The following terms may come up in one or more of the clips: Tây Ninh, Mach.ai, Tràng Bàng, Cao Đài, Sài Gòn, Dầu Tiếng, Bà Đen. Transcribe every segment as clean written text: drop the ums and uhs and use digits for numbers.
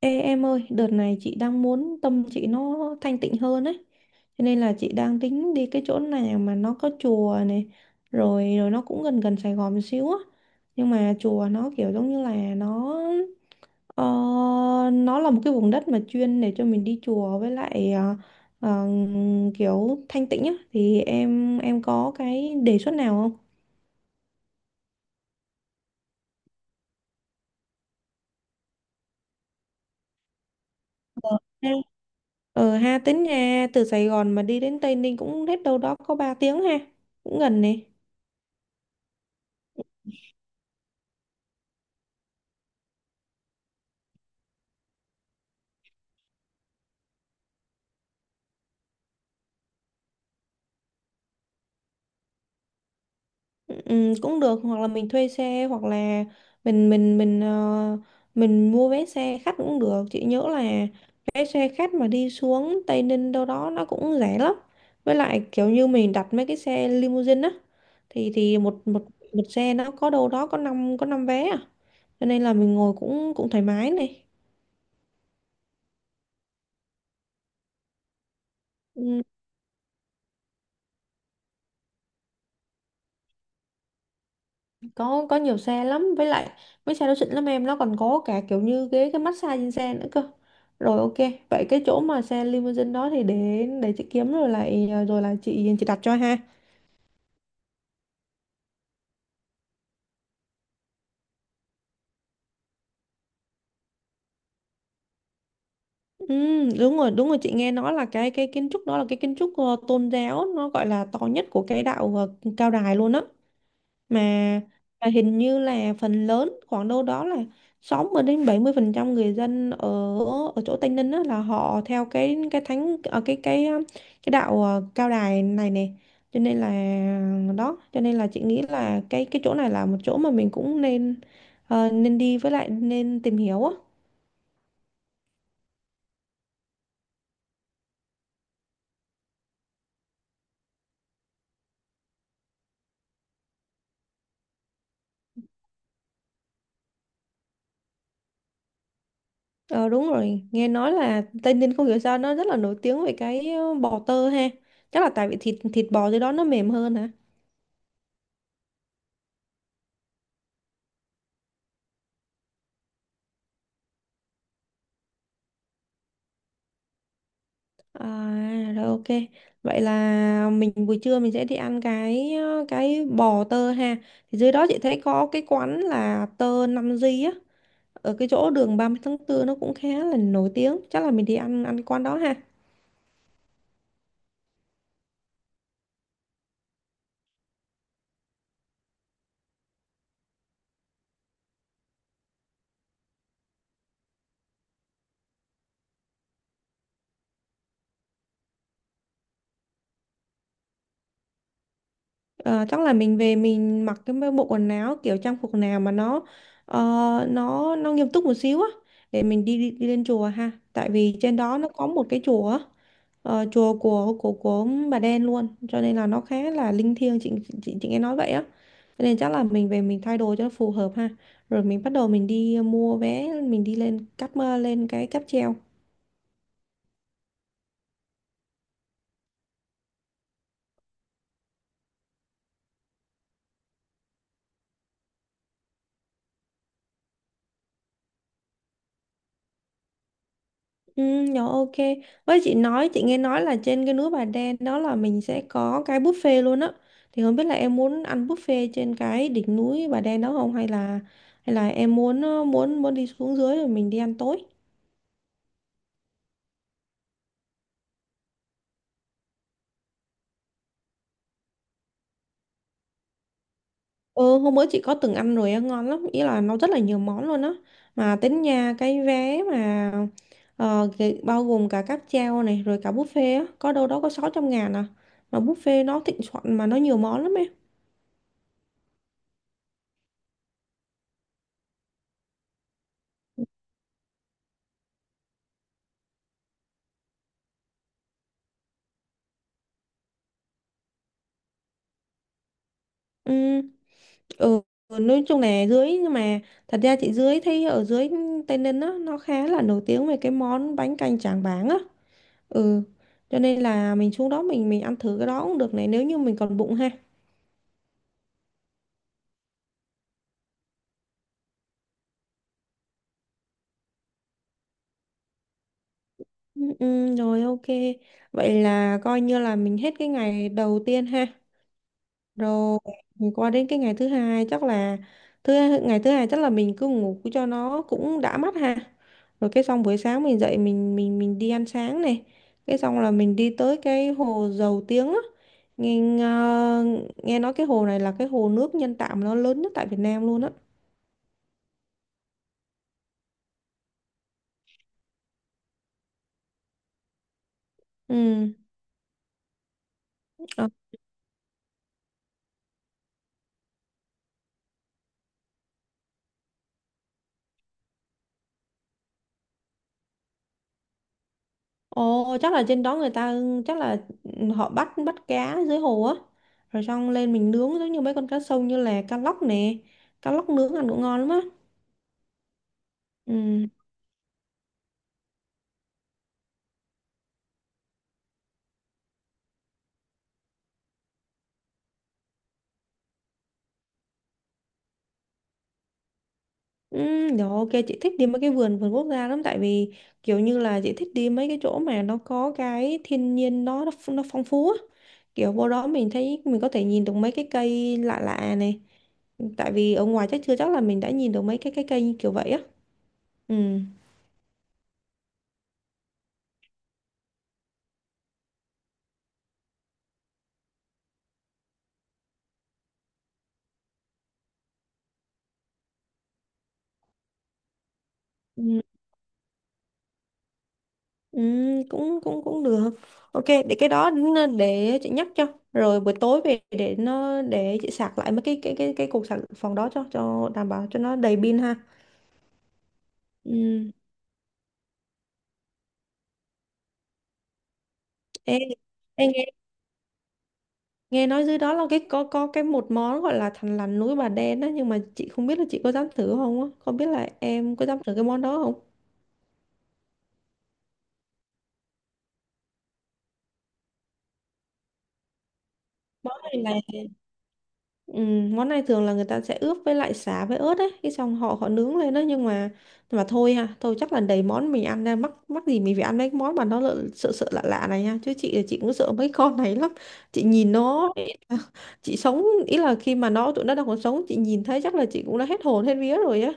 Ê em ơi, đợt này chị đang muốn tâm chị nó thanh tịnh hơn ấy. Cho nên là chị đang tính đi cái chỗ nào mà nó có chùa này, rồi rồi nó cũng gần gần Sài Gòn một xíu á. Nhưng mà chùa nó kiểu giống như là ờ, nó là một cái vùng đất mà chuyên để cho mình đi chùa với lại ờ, kiểu thanh tịnh á, thì em có cái đề xuất nào không? Ờ, ha. Ờ ha, tính nha, từ Sài Gòn mà đi đến Tây Ninh cũng hết đâu đó có 3 tiếng ha. Cũng gần nè. Ừ, cũng được, hoặc là mình thuê xe hoặc là mình mình mình ờ, mình mua vé xe khách cũng được, chị nhớ là vé xe khách mà đi xuống Tây Ninh đâu đó nó cũng rẻ lắm, với lại kiểu như mình đặt mấy cái xe limousine á, thì một một một xe nó có đâu đó có 5 vé à, cho nên là mình ngồi cũng cũng thoải mái này. Ừ. Có nhiều xe lắm, với lại mấy xe đó xịn lắm em, nó còn có cả kiểu như ghế cái massage trên xe nữa cơ. Rồi ok, vậy cái chỗ mà xe limousine đó thì để chị kiếm, rồi là chị đặt cho ha. Ừ, đúng rồi, đúng rồi, chị nghe nói là cái kiến trúc đó là cái kiến trúc tôn giáo, nó gọi là to nhất của cái đạo cao đài luôn á, mà hình như là phần lớn khoảng đâu đó là 60% đến 70% người dân ở ở chỗ Tây Ninh á, là họ theo cái thánh, cái đạo, cao đài này nè, cho nên là đó, cho nên là chị nghĩ là cái chỗ này là một chỗ mà mình cũng nên đi, với lại nên tìm hiểu á. Ờ đúng rồi, nghe nói là Tây Ninh không hiểu sao nó rất là nổi tiếng về cái bò tơ ha. Chắc là tại vì thịt thịt bò dưới đó nó mềm hơn. À, rồi ok. Vậy là mình buổi trưa mình sẽ đi ăn cái bò tơ ha. Thì dưới đó chị thấy có cái quán là Tơ 5G á, ở cái chỗ đường 30 tháng 4 nó cũng khá là nổi tiếng. Chắc là mình đi ăn ăn quán đó ha. Ờ, chắc là mình về mình mặc cái bộ quần áo kiểu trang phục nào mà nó ờ, nó nghiêm túc một xíu á, để mình đi, đi đi lên chùa ha. Tại vì trên đó nó có một cái chùa á, chùa của bà đen luôn, cho nên là nó khá là linh thiêng chị, chị nghe nói vậy á, cho nên chắc là mình về mình thay đồ cho nó phù hợp ha, rồi mình bắt đầu mình đi mua vé, mình đi lên cáp mơ lên cái cáp treo. Ừ, nhỏ, ok. Với chị nghe nói là trên cái núi Bà Đen đó là mình sẽ có cái buffet luôn á, thì không biết là em muốn ăn buffet trên cái đỉnh núi Bà Đen đó không, hay là em muốn ờ, muốn muốn đi xuống dưới rồi mình đi ăn tối. Ừ, hôm bữa chị có từng ăn rồi á, ngon lắm, ý là nó rất là nhiều món luôn á, mà tính nha cái vé mà bao gồm cả cáp treo này rồi cả buffet á, có đâu đó có 600.000 à, mà buffet nó thịnh soạn mà nó nhiều món lắm em. Ừ, ừ, nói chung là nhưng mà thật ra chị thấy ở dưới Tây Ninh á, nó khá là nổi tiếng về cái món bánh canh Tràng Bàng á, ừ, cho nên là mình xuống đó mình ăn thử cái đó cũng được này, nếu như mình còn bụng ha. Ừ, ừ, rồi ok. Vậy là coi như là mình hết cái ngày đầu tiên ha. Rồi mình qua đến cái ngày thứ hai, chắc là thứ ngày thứ hai chắc là mình cứ ngủ cho nó cũng đã mắt ha. Rồi cái xong buổi sáng mình dậy mình đi ăn sáng này. Cái xong là mình đi tới cái hồ Dầu Tiếng á. Nghe Nghe nói cái hồ này là cái hồ nước nhân tạo mà nó lớn nhất tại Việt Nam luôn á. Ừ. ờ, Ồ, chắc là trên đó người ta, chắc là họ bắt bắt cá dưới hồ á. Rồi xong lên mình nướng giống như mấy con cá sông như là cá lóc nè. Cá lóc nướng ăn cũng ngon lắm á. Ừ. Ừ, rồi ok, chị thích đi mấy cái vườn vườn quốc gia lắm, tại vì kiểu như là chị thích đi mấy cái chỗ mà nó có cái thiên nhiên nó phong phú á. Kiểu vô đó mình thấy mình có thể nhìn được mấy cái cây lạ lạ này. Tại vì ở ngoài chắc chưa chắc là mình đã nhìn được mấy cái cây như kiểu vậy á. Ừ. Ừ, cũng cũng cũng được, ok, để cái đó để chị nhắc cho. Rồi buổi tối về để chị sạc lại mấy cái cục sạc phòng đó cho đảm bảo cho nó đầy pin ha. Ừ. Ê, ê, nghe nói dưới đó là cái có cái một món gọi là thằn lằn núi bà đen đó, nhưng mà chị không biết là chị có dám thử không á, không biết là em có dám thử cái món đó không. Món này là Ừ, món này thường là người ta sẽ ướp với lại sả với ớt ấy, cái xong họ họ nướng lên đó, nhưng mà thôi ha, thôi chắc là đầy món mình ăn ra, mắc mắc gì mình phải ăn mấy cái món mà nó lợ- sợ sợ lạ lạ này nha, chứ chị cũng sợ mấy con này lắm. Chị nhìn nó ý là- Chị sống ý là khi mà tụi nó đang còn sống, chị nhìn thấy chắc là chị cũng đã hết hồn hết vía rồi á.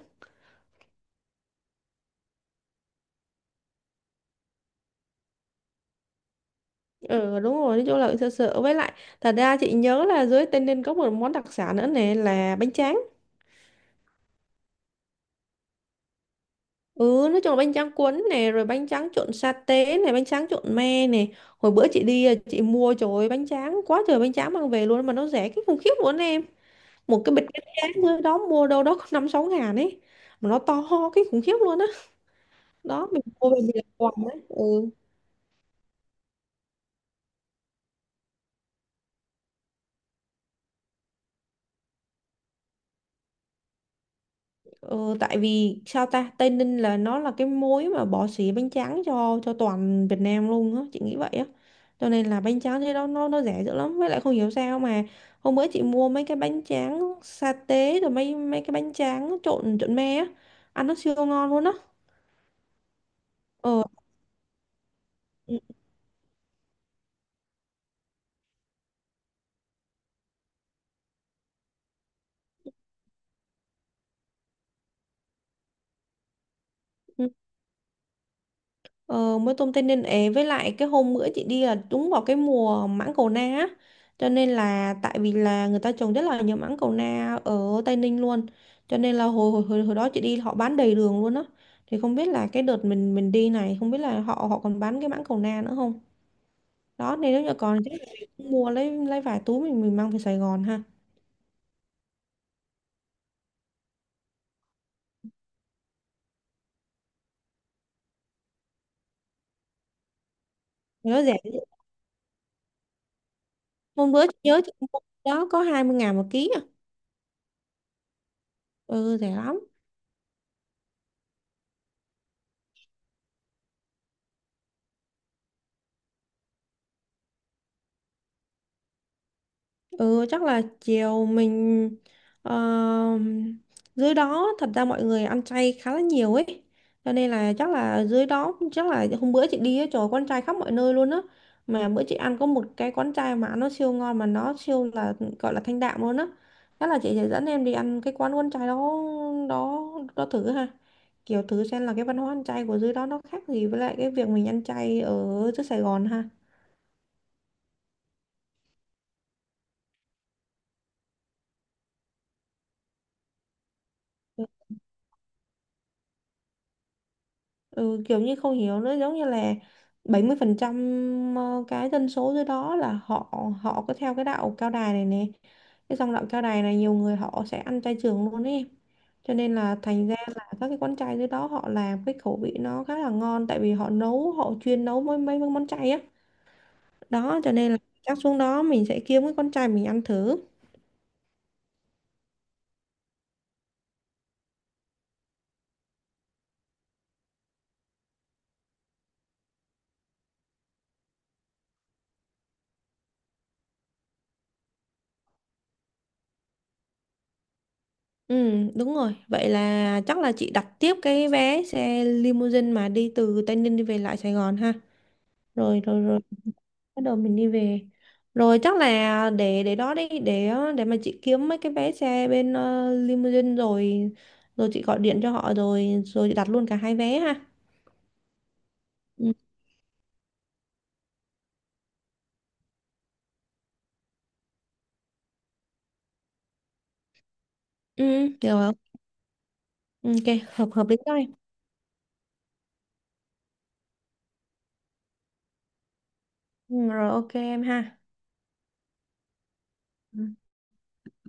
Ừ đúng rồi, nói chung là cũng sợ sợ, với lại thật ra chị nhớ là dưới Tây Ninh có một món đặc sản nữa nè là bánh tráng. Ừ, nói chung là bánh tráng cuốn này, rồi bánh tráng trộn sa tế này, bánh tráng trộn me này. Hồi bữa chị đi, à, chị mua, trời ơi, bánh tráng, quá trời bánh tráng mang về luôn, mà nó rẻ cái khủng khiếp luôn em. Một cái bịch bánh tráng thôi đó mua đâu đó có 5 6 ngàn ấy. Mà nó to ho cái khủng khiếp luôn á. Đó. Đó mình mua về mình làm quà ấy. Ừ. Ờ, tại vì sao ta Tây Ninh là nó là cái mối mà bỏ xỉ bánh tráng cho toàn Việt Nam luôn á, chị nghĩ vậy á, cho nên là bánh tráng thế đó nó rẻ dữ lắm, với lại không hiểu sao mà hôm bữa chị mua mấy cái bánh tráng sa tế, rồi mấy mấy cái bánh tráng trộn trộn me á, ăn nó siêu ngon luôn á. ờ ừ. Ừ. Ờ, mới tôm Tây Ninh ấy, với lại cái hôm bữa chị đi là đúng vào cái mùa mãng cầu na á, cho nên là, tại vì là người ta trồng rất là nhiều mãng cầu na ở Tây Ninh luôn, cho nên là hồi đó chị đi họ bán đầy đường luôn á, thì không biết là cái đợt mình đi này không biết là họ họ còn bán cái mãng cầu na nữa không, đó nên nếu như còn chắc là mình cũng mua lấy vài túi mình mang về Sài Gòn ha, nó rẻ, hôm bữa chị nhớ chị mua đó có 20.000 một ký à. Ừ, rẻ lắm. Ừ, chắc là chiều mình, ờ, dưới đó thật ra mọi người ăn chay khá là nhiều ấy, cho nên là chắc là dưới đó, chắc là hôm bữa chị đi ấy, trời ơi, quán chay khắp mọi nơi luôn á, mà bữa chị ăn có một cái quán chay mà nó siêu ngon mà nó siêu là, gọi là thanh đạm luôn á, chắc là chị sẽ dẫn em đi ăn cái quán quán chay đó, đó đó thử ha, kiểu thử xem là cái văn hóa ăn chay của dưới đó nó khác gì với lại cái việc mình ăn chay ở dưới Sài Gòn ha. Ừ. Ừ, kiểu như không hiểu nữa, giống như là 70% cái dân số dưới đó là họ họ có theo cái đạo cao đài này nè, cái dòng đạo cao đài này nhiều người họ sẽ ăn chay trường luôn ấy, cho nên là thành ra là các cái quán chay dưới đó họ làm cái khẩu vị nó khá là ngon, tại vì họ nấu, họ chuyên nấu mấy mấy món chay á, đó cho nên là chắc xuống đó mình sẽ kiếm cái con trai mình ăn thử. Ừ đúng rồi, vậy là chắc là chị đặt tiếp cái vé xe limousine mà đi từ Tây Ninh đi về lại Sài Gòn ha. Rồi rồi Rồi bắt đầu mình đi về, rồi chắc là để đó đi, để mà chị kiếm mấy cái vé xe bên limousine, rồi rồi chị gọi điện cho họ, rồi rồi chị đặt luôn cả hai vé ha. Ừ. Ừ, được không, ok, hợp hợp lý thôi. Ừ, rồi ok em ha. Ừ.